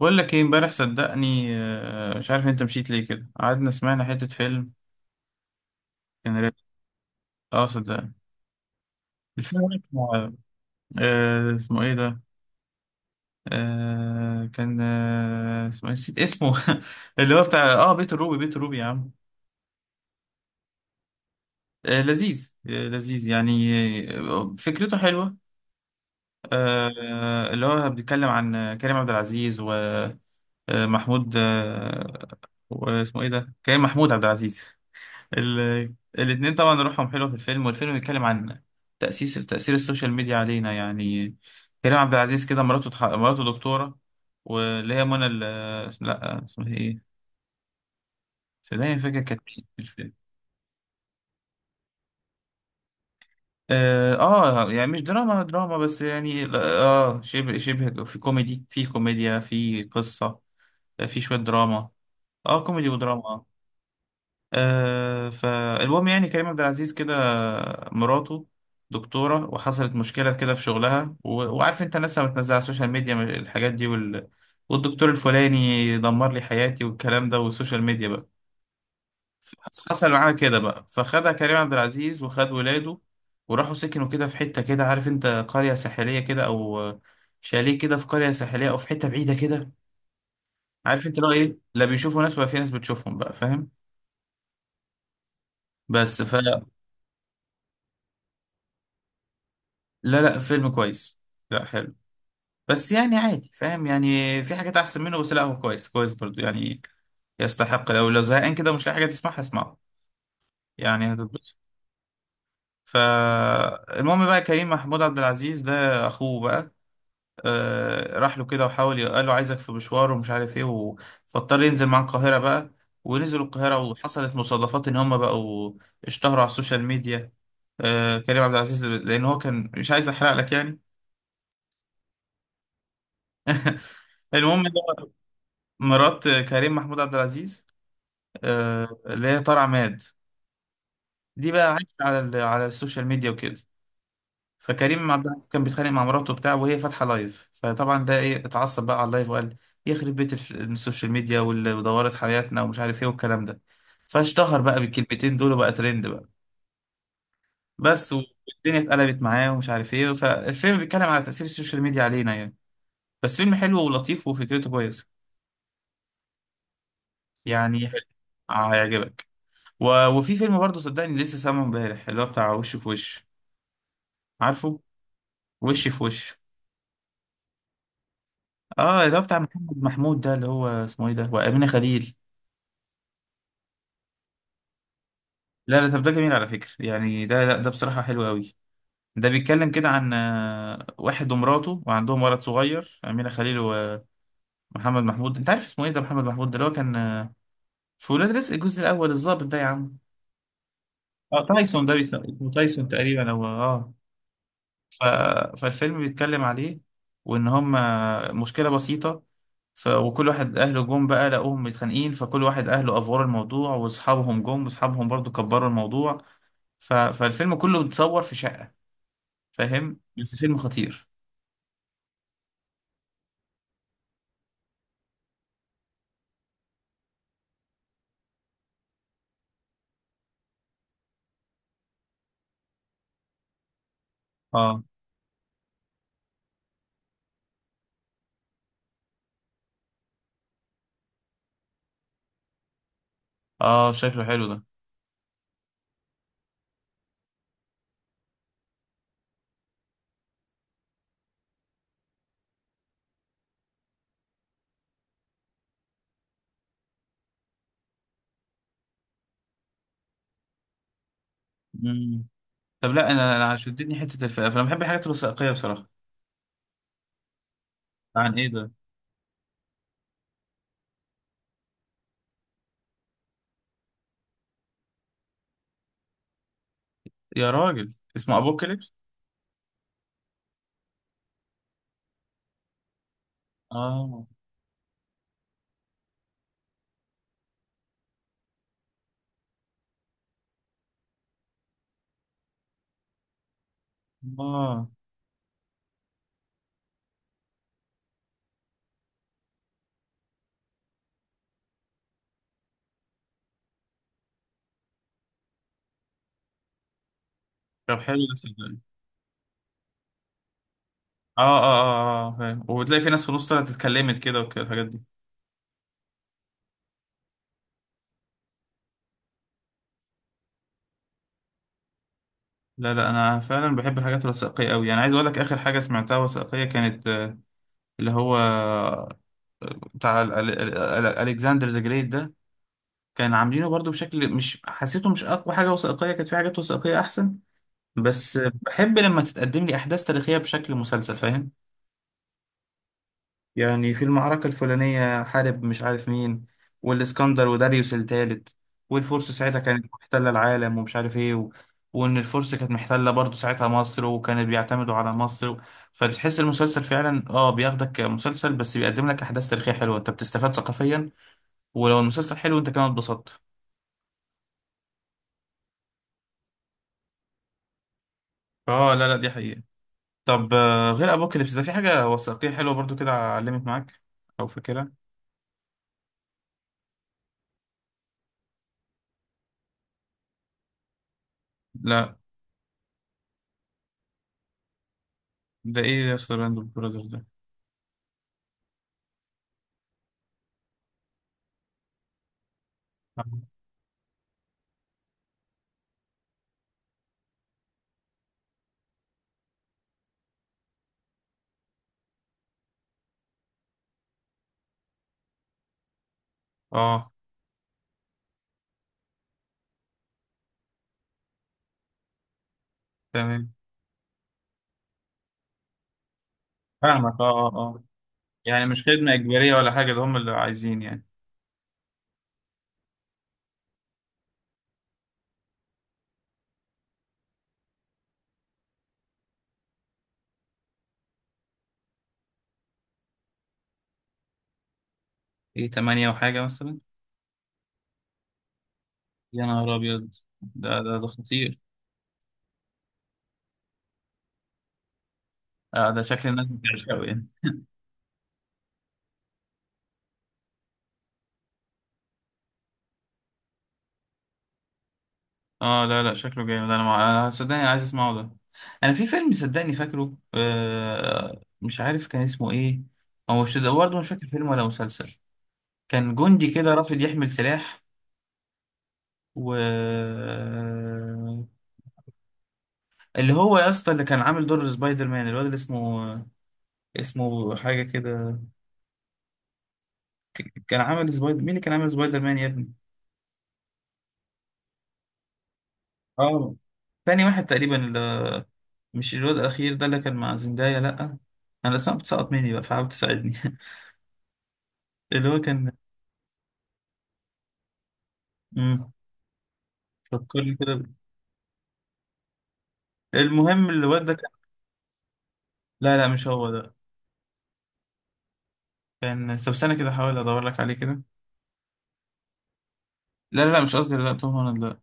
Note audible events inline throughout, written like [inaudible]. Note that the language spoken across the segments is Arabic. بقول لك ايه امبارح صدقني، مش عارف انت مشيت ليه كده. قعدنا سمعنا حتة فيلم. كان رايق. اه صدقني. الفيلم ده اسمه اسمه ايه ده؟ آه، كان آه، اسمه إيه؟ نسيت اسمه. [laughs] اللي هو بتاع بيت الروبي. بيت الروبي يا عم. لذيذ، لذيذ يعني. فكرته حلوة. اللي هو بيتكلم عن كريم عبد العزيز ومحمود. واسمه ايه ده؟ كريم محمود عبد العزيز. ال... الاتنين طبعا روحهم حلوة في الفيلم. والفيلم بيتكلم عن تأثير السوشيال ميديا علينا يعني. كريم عبد العزيز كده مراته مراته دكتورة، واللي هي منى لا اسمها ايه؟ فدايما فاكر كانت مين في الفيلم. اه، يعني مش دراما دراما بس يعني لا، اه شبه في كوميدي، في كوميديا، في قصة، في شوية دراما. اه كوميدي ودراما. فالمهم يعني كريم عبد العزيز كده مراته دكتورة، وحصلت مشكلة كده في شغلها وعارف انت الناس لما بتنزل على السوشيال ميديا من الحاجات دي والدكتور الفلاني دمر لي حياتي والكلام ده والسوشيال ميديا بقى. حصل معاها كده بقى، فخدها كريم عبد العزيز وخد ولاده، وراحوا سكنوا كده في حتة كده، عارف انت، قرية ساحلية كده او شاليه كده في قرية ساحلية او في حتة بعيدة كده. عارف انت لو ايه، لا بيشوفوا ناس ولا في ناس بتشوفهم بقى، فاهم؟ بس لا لا، فيلم كويس. لا حلو. بس يعني عادي، فاهم؟ يعني في حاجات احسن منه، بس لا هو كويس كويس برضو يعني. يستحق، لو زهقان كده مش لاقي حاجه تسمعها اسمعه. يعني هتتبسط. فالمهم بقى كريم محمود عبد العزيز ده اخوه بقى، آه راح له كده وحاول قال له عايزك في مشوار ومش عارف ايه فاضطر ينزل مع القاهره بقى. ونزلوا القاهره وحصلت مصادفات ان هم بقوا اشتهروا على السوشيال ميديا. آه كريم عبد العزيز لان هو كان مش عايز احرق لك يعني. المهم، مرات كريم محمود عبد العزيز، اللي هي طار عماد، دي بقى عايشه على على السوشيال ميديا وكده. فكريم عبد العزيز كان بيتخانق مع مراته بتاعه وهي فاتحه لايف، فطبعا ده ايه اتعصب بقى على اللايف وقال يخرب بيت السوشيال ميديا واللي ودورت حياتنا ومش عارف ايه والكلام ده. فاشتهر بقى بالكلمتين دول وبقى ترند بقى بس. والدنيا اتقلبت معاه ومش عارف ايه. فالفيلم بيتكلم على تأثير السوشيال ميديا علينا يعني. بس فيلم حلو ولطيف وفكرته كويسه. يعني حلو. هيعجبك. وفي فيلم برضه صدقني لسه سامعه امبارح اللي هو بتاع وش في وش، عارفه؟ وش في وش. اه اللي هو بتاع محمد محمود ده، اللي هو اسمه ايه ده، وأمينة خليل. لا لا طب ده جميل على فكرة يعني، ده لا ده بصراحة حلو قوي. ده بيتكلم كده عن واحد ومراته وعندهم ولد صغير، أمينة خليل ومحمد محمود. انت عارف اسمه ايه ده؟ محمد محمود ده اللي هو كان في ولاد رزق الجزء الأول الضابط ده يا عم. اه تايسون ده بيسموه، اسمه تايسون تقريبا او اه. ف... فالفيلم بيتكلم عليه، وان هم مشكله بسيطه. وكل واحد اهله جم بقى لقوهم متخانقين، فكل واحد اهله افوروا الموضوع، واصحابهم جم واصحابهم برضو كبروا الموضوع. فالفيلم كله بيتصور في شقه، فاهم؟ بس فيلم خطير. اه اه شكله حلو ده. مم. طب لا انا شدتني حته الفئه، فانا بحب الحاجات الوثائقيه بصراحه. عن ايه ده؟ يا راجل اسمه ابوكاليبس. اه اه. طب حلو ده. اه اه اه اه فاهم. وبتلاقي في ناس في النص طلعت اتكلمت كده وكده، الحاجات دي. لا لا انا فعلا بحب الحاجات الوثائقيه قوي يعني. عايز اقول لك اخر حاجه سمعتها وثائقيه كانت اللي هو بتاع الكسندر ذا جريت ده. كان عاملينه برضو بشكل مش حسيته مش اقوى حاجه وثائقيه. كانت في حاجات وثائقيه احسن. بس بحب لما تتقدم لي احداث تاريخيه بشكل مسلسل، فاهم؟ يعني في المعركة الفلانية حارب مش عارف مين، والإسكندر وداريوس التالت، والفرس ساعتها كانت محتلة العالم ومش عارف إيه وإن الفرس كانت محتلة برضه ساعتها مصر وكانوا بيعتمدوا على مصر فبتحس المسلسل فعلا آه بياخدك كمسلسل بس بيقدم لك أحداث تاريخية حلوة، أنت بتستفاد ثقافيا. ولو المسلسل حلو أنت كمان اتبسطت. آه لا لا دي حقيقة. طب غير أبوكاليبس ده في حاجة وثائقية حلوة برضه كده علمت معاك أو فاكرها؟ لا، ده إيه يا اسطى براندو براذرز ده؟ آه تمام. فاهمك اه اه اه. يعني مش خدمة إجبارية ولا حاجة، ده هم اللي عايزين يعني. إيه تمانية وحاجة مثلا؟ يا نهار أبيض. ده خطير. آه ده شكل الناس بتعشقه يعني. اه لا لا شكله جامد. أنا مع... أنا صدقني عايز أسمعه ده. أنا في فيلم صدقني فاكره، آه مش عارف كان اسمه إيه. هو مش ده برضه، مش فاكر فيلم ولا مسلسل. كان جندي كده رافض يحمل سلاح و. اللي هو يا اسطى اللي كان عامل دور سبايدر مان، الواد اللي اسمه، اسمه حاجة كده. كان عمل سبايدر مين، اللي كان عامل سبايدر مان يا ابني. اه تاني واحد تقريبا اللي... مش الواد الأخير ده اللي كان مع زندايا لأ. أنا الأسماء بتسقط مني بقى فحاول تساعدني. [laughs] اللي هو كان، مم، فكرني كده المهم الواد ده كان. لا لا مش هو ده. كان طب استنى كده أحاول أدور لك عليه كده. لا لا لا مش قصدي، لا توم هولاند لا.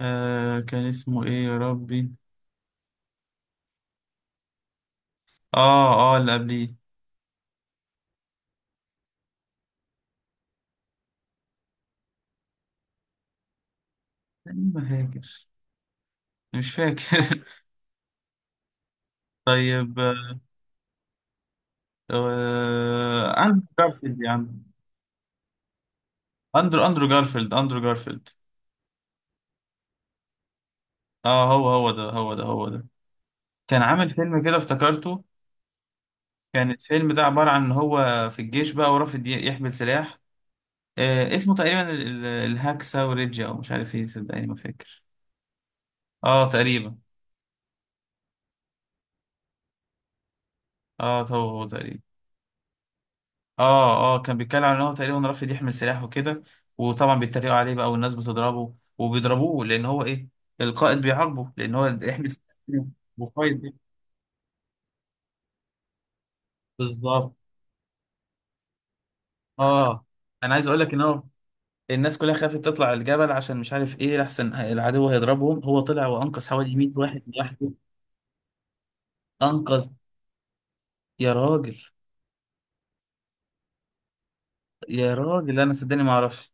آه كان اسمه إيه يا ربي؟ آه آه اللي قبليه. تقريباً هاجر، مش فاكر. [laughs] طيب آه. عندك جارفيلد يا عم. اندرو جارفيلد، اندرو جارفيلد. اه هو ده. كان عامل فيلم كده افتكرته. كان الفيلم ده عبارة عن ان هو في الجيش بقى ورافض يحمل سلاح. آه اسمه تقريبا الهاكسا وريجيا او مش عارف ايه، صدقني ما فاكر. اه تقريبا. اه هو هو تقريبا. اه اه كان بيتكلم عن ان هو تقريبا رافض يحمل سلاح وكده. وطبعا بيتريقوا عليه بقى، والناس بتضربه وبيضربوه لان هو ايه، القائد بيعاقبه لان هو يحمل سلاح. [laughs] وقائد إيه؟ بالظبط. اه انا عايز اقول لك ان هو الناس كلها خافت تطلع الجبل عشان مش عارف ايه لحسن العدو هيضربهم. هو طلع وانقذ حوالي 100 واحد لوحده. انقذ. يا راجل. يا راجل انا صدقني ما اعرفش.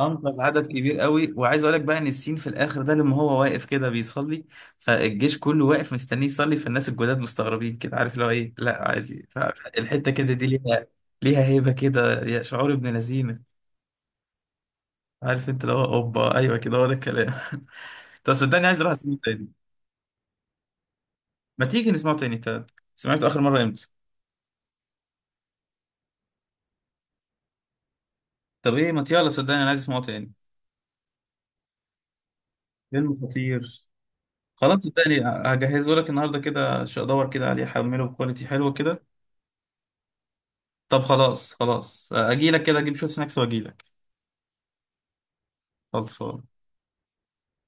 انقذ عدد كبير قوي. وعايز اقول لك بقى ان السين في الاخر ده لما هو واقف كده بيصلي، فالجيش كله واقف مستنيه يصلي، فالناس الجداد مستغربين كده، عارف اللي هو ايه، لا عادي. فالحته كده دي ليها، ليها هيبه كده، يا شعور ابن لذينه. عارف انت اللي هو اوبا، ايوه كده هو ده الكلام. [laughs] طب صدقني عايز اروح اسمعه تاني. ما تيجي نسمعه تاني انت. سمعته اخر مره امتى؟ طب ايه ما يلا صدقني انا عايز اسمعه تاني. فيلم خطير. خلاص صدقني هجهزه لك النهارده كده. ادور كده عليه احمله بكواليتي حلوه كده. طب خلاص خلاص اجي لك كده، اجيب شويه سناكس واجي لك. خلصان.